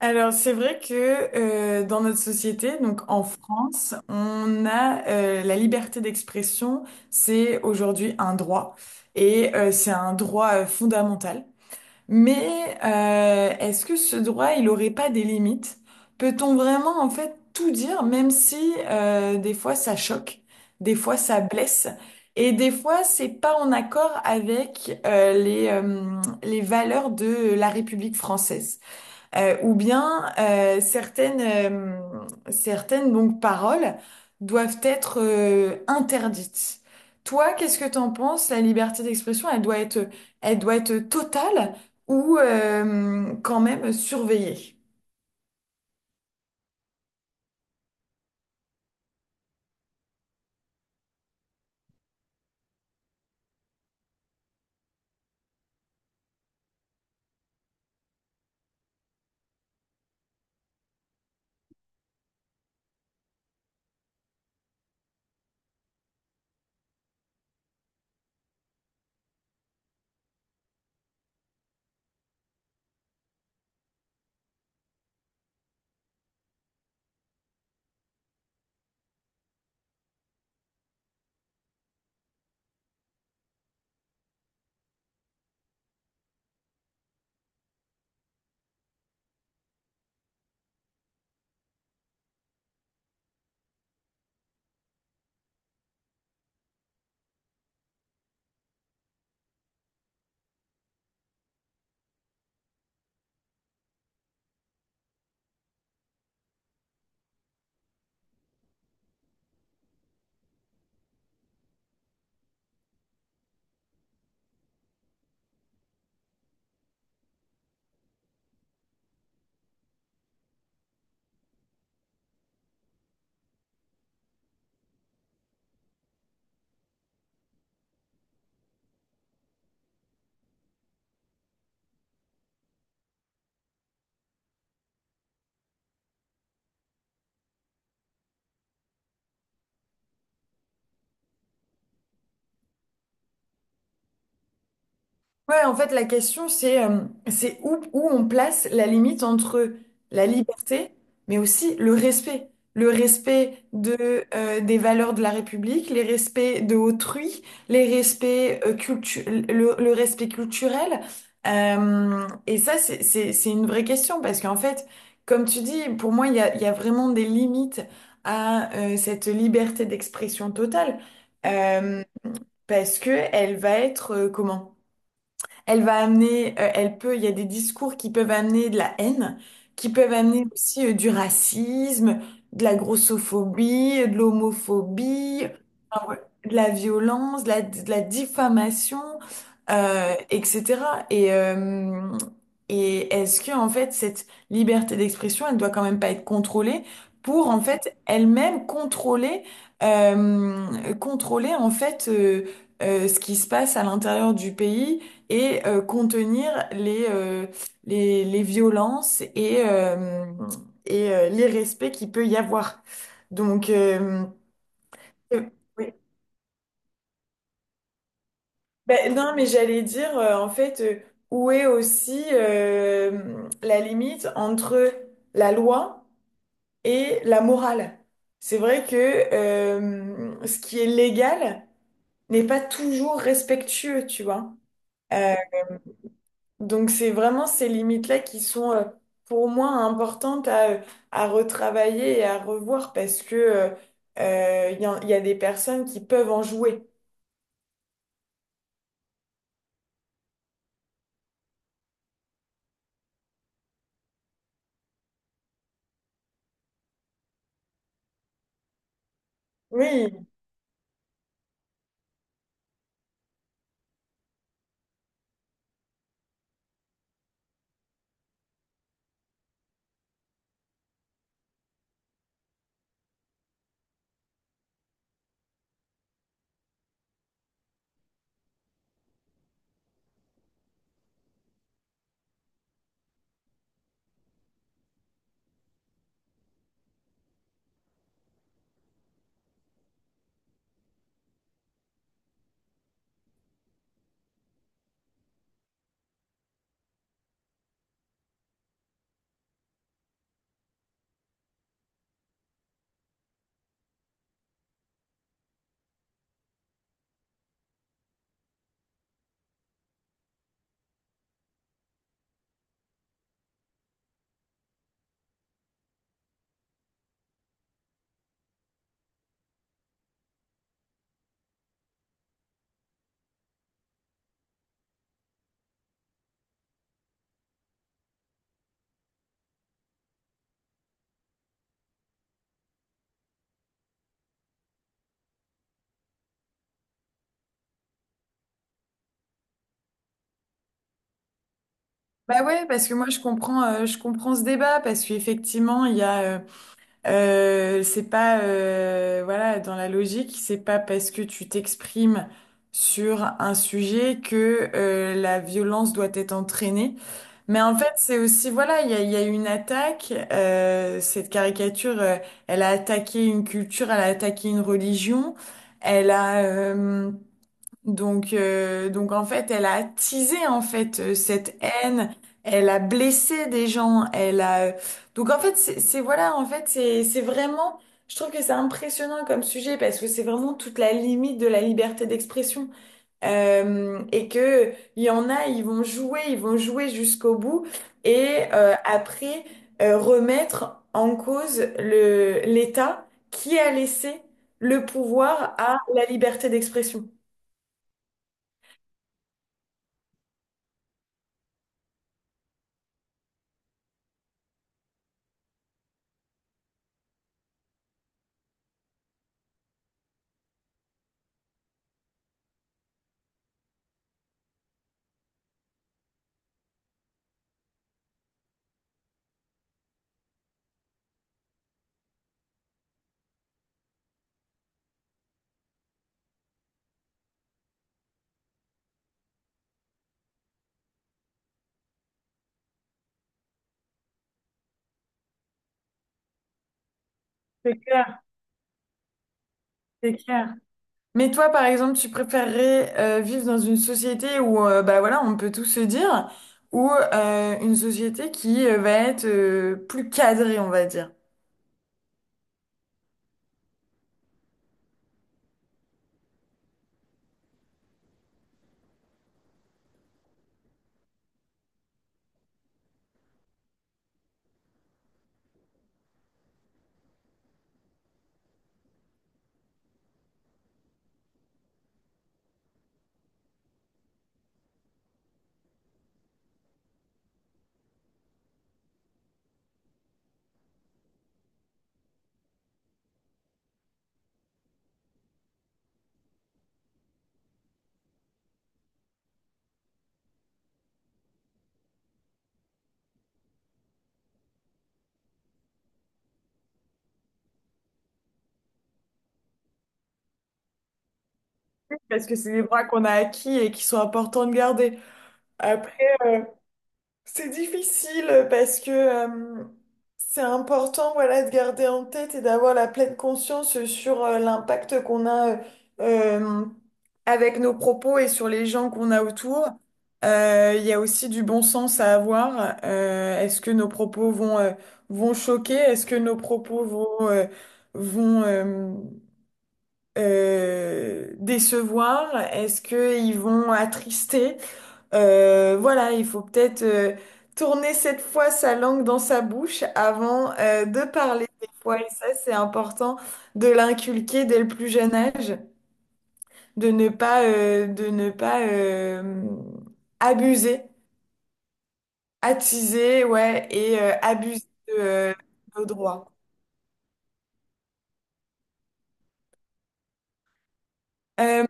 Alors, c'est vrai que dans notre société, donc en France, on a la liberté d'expression, c'est aujourd'hui un droit et c'est un droit fondamental. Mais est-ce que ce droit, il aurait pas des limites? Peut-on vraiment en fait tout dire, même si des fois ça choque, des fois ça blesse et des fois c'est pas en accord avec les valeurs de la République française? Ou bien certaines, certaines donc, paroles doivent être interdites. Toi, qu'est-ce que t'en penses? La liberté d'expression, elle doit être totale ou quand même surveillée? Ouais, en fait, la question, c'est où, où on place la limite entre la liberté, mais aussi le respect. Le respect de, des valeurs de la République, les respects de autrui, les respects, euh, cultu- le respect culturel. Et ça, c'est une vraie question parce qu'en fait, comme tu dis, pour moi, il y a vraiment des limites à cette liberté d'expression totale euh, parce que elle va être, comment? Elle va amener, elle peut, il y a des discours qui peuvent amener de la haine, qui peuvent amener aussi du racisme, de la grossophobie, de l'homophobie, enfin, ouais, de la violence, de la diffamation, etc. Et et est-ce que, en fait, cette liberté d'expression, elle doit quand même pas être contrôlée pour, en fait, elle-même contrôler, contrôler, en fait, ce qui se passe à l'intérieur du pays et contenir les, les violences et l'irrespect qu'il peut y avoir. Donc, euh, euh, oui. Ben, non, mais j'allais dire, en fait, où est aussi la limite entre la loi et la morale? C'est vrai que ce qui est légal n'est pas toujours respectueux, tu vois. Euh, Donc c'est vraiment ces limites-là qui sont pour moi importantes à retravailler et à revoir parce que il y a des personnes qui peuvent en jouer. Oui. Bah ouais, parce que moi je comprends ce débat parce qu'effectivement il y a, c'est pas, voilà, dans la logique, c'est pas parce que tu t'exprimes sur un sujet que la violence doit être entraînée. Mais en fait, c'est aussi, voilà, il y a eu une attaque. Cette caricature, elle a attaqué une culture, elle a attaqué une religion. Elle a donc en fait, elle a attisé en fait cette haine. Elle a blessé des gens. Elle a donc en fait, voilà, en fait, c'est vraiment. Je trouve que c'est impressionnant comme sujet parce que c'est vraiment toute la limite de la liberté d'expression. Et que il y en a, ils vont jouer jusqu'au bout et après remettre en cause le l'État qui a laissé le pouvoir à la liberté d'expression. C'est clair, c'est clair. Mais toi, par exemple, tu préférerais vivre dans une société où, bah voilà, on peut tout se dire, ou une société qui va être plus cadrée, on va dire. Parce que c'est des droits qu'on a acquis et qui sont importants de garder. Après, c'est difficile parce que c'est important voilà, de garder en tête et d'avoir la pleine conscience sur l'impact qu'on a euh, avec nos propos et sur les gens qu'on a autour. Il y a aussi du bon sens à avoir. Est-ce que nos propos vont, vont choquer? Est-ce que nos propos vont, vont, euh, décevoir? Est-ce qu'ils vont attrister? Voilà, il faut peut-être tourner cette fois sa langue dans sa bouche avant de parler des fois. Et ça, c'est important de l'inculquer dès le plus jeune âge, de ne pas, abuser, attiser, ouais, et abuser de nos droits. Euh,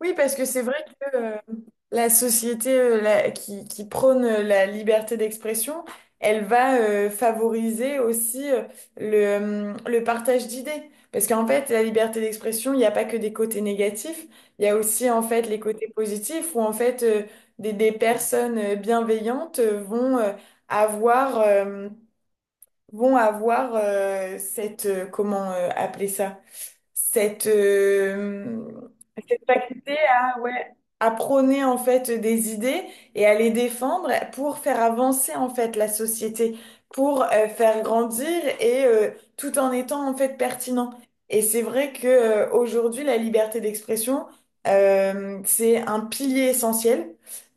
Oui, parce que c'est vrai que la société qui prône la liberté d'expression, elle va favoriser aussi le, le partage d'idées. Parce qu'en fait, la liberté d'expression, il n'y a pas que des côtés négatifs, il y a aussi en fait les côtés positifs où en fait des personnes bienveillantes vont avoir vont avoir cette, comment appeler ça? Cette, cette faculté à, ouais, à prôner en fait des idées et à les défendre pour faire avancer en fait la société, pour faire grandir et tout en étant en fait pertinent. Et c'est vrai que aujourd'hui, la liberté d'expression, c'est un pilier essentiel.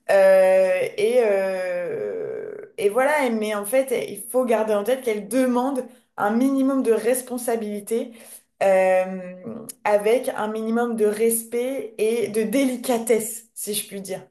Et voilà, mais en fait, il faut garder en tête qu'elle demande un minimum de responsabilité avec un minimum de respect et de délicatesse, si je puis dire.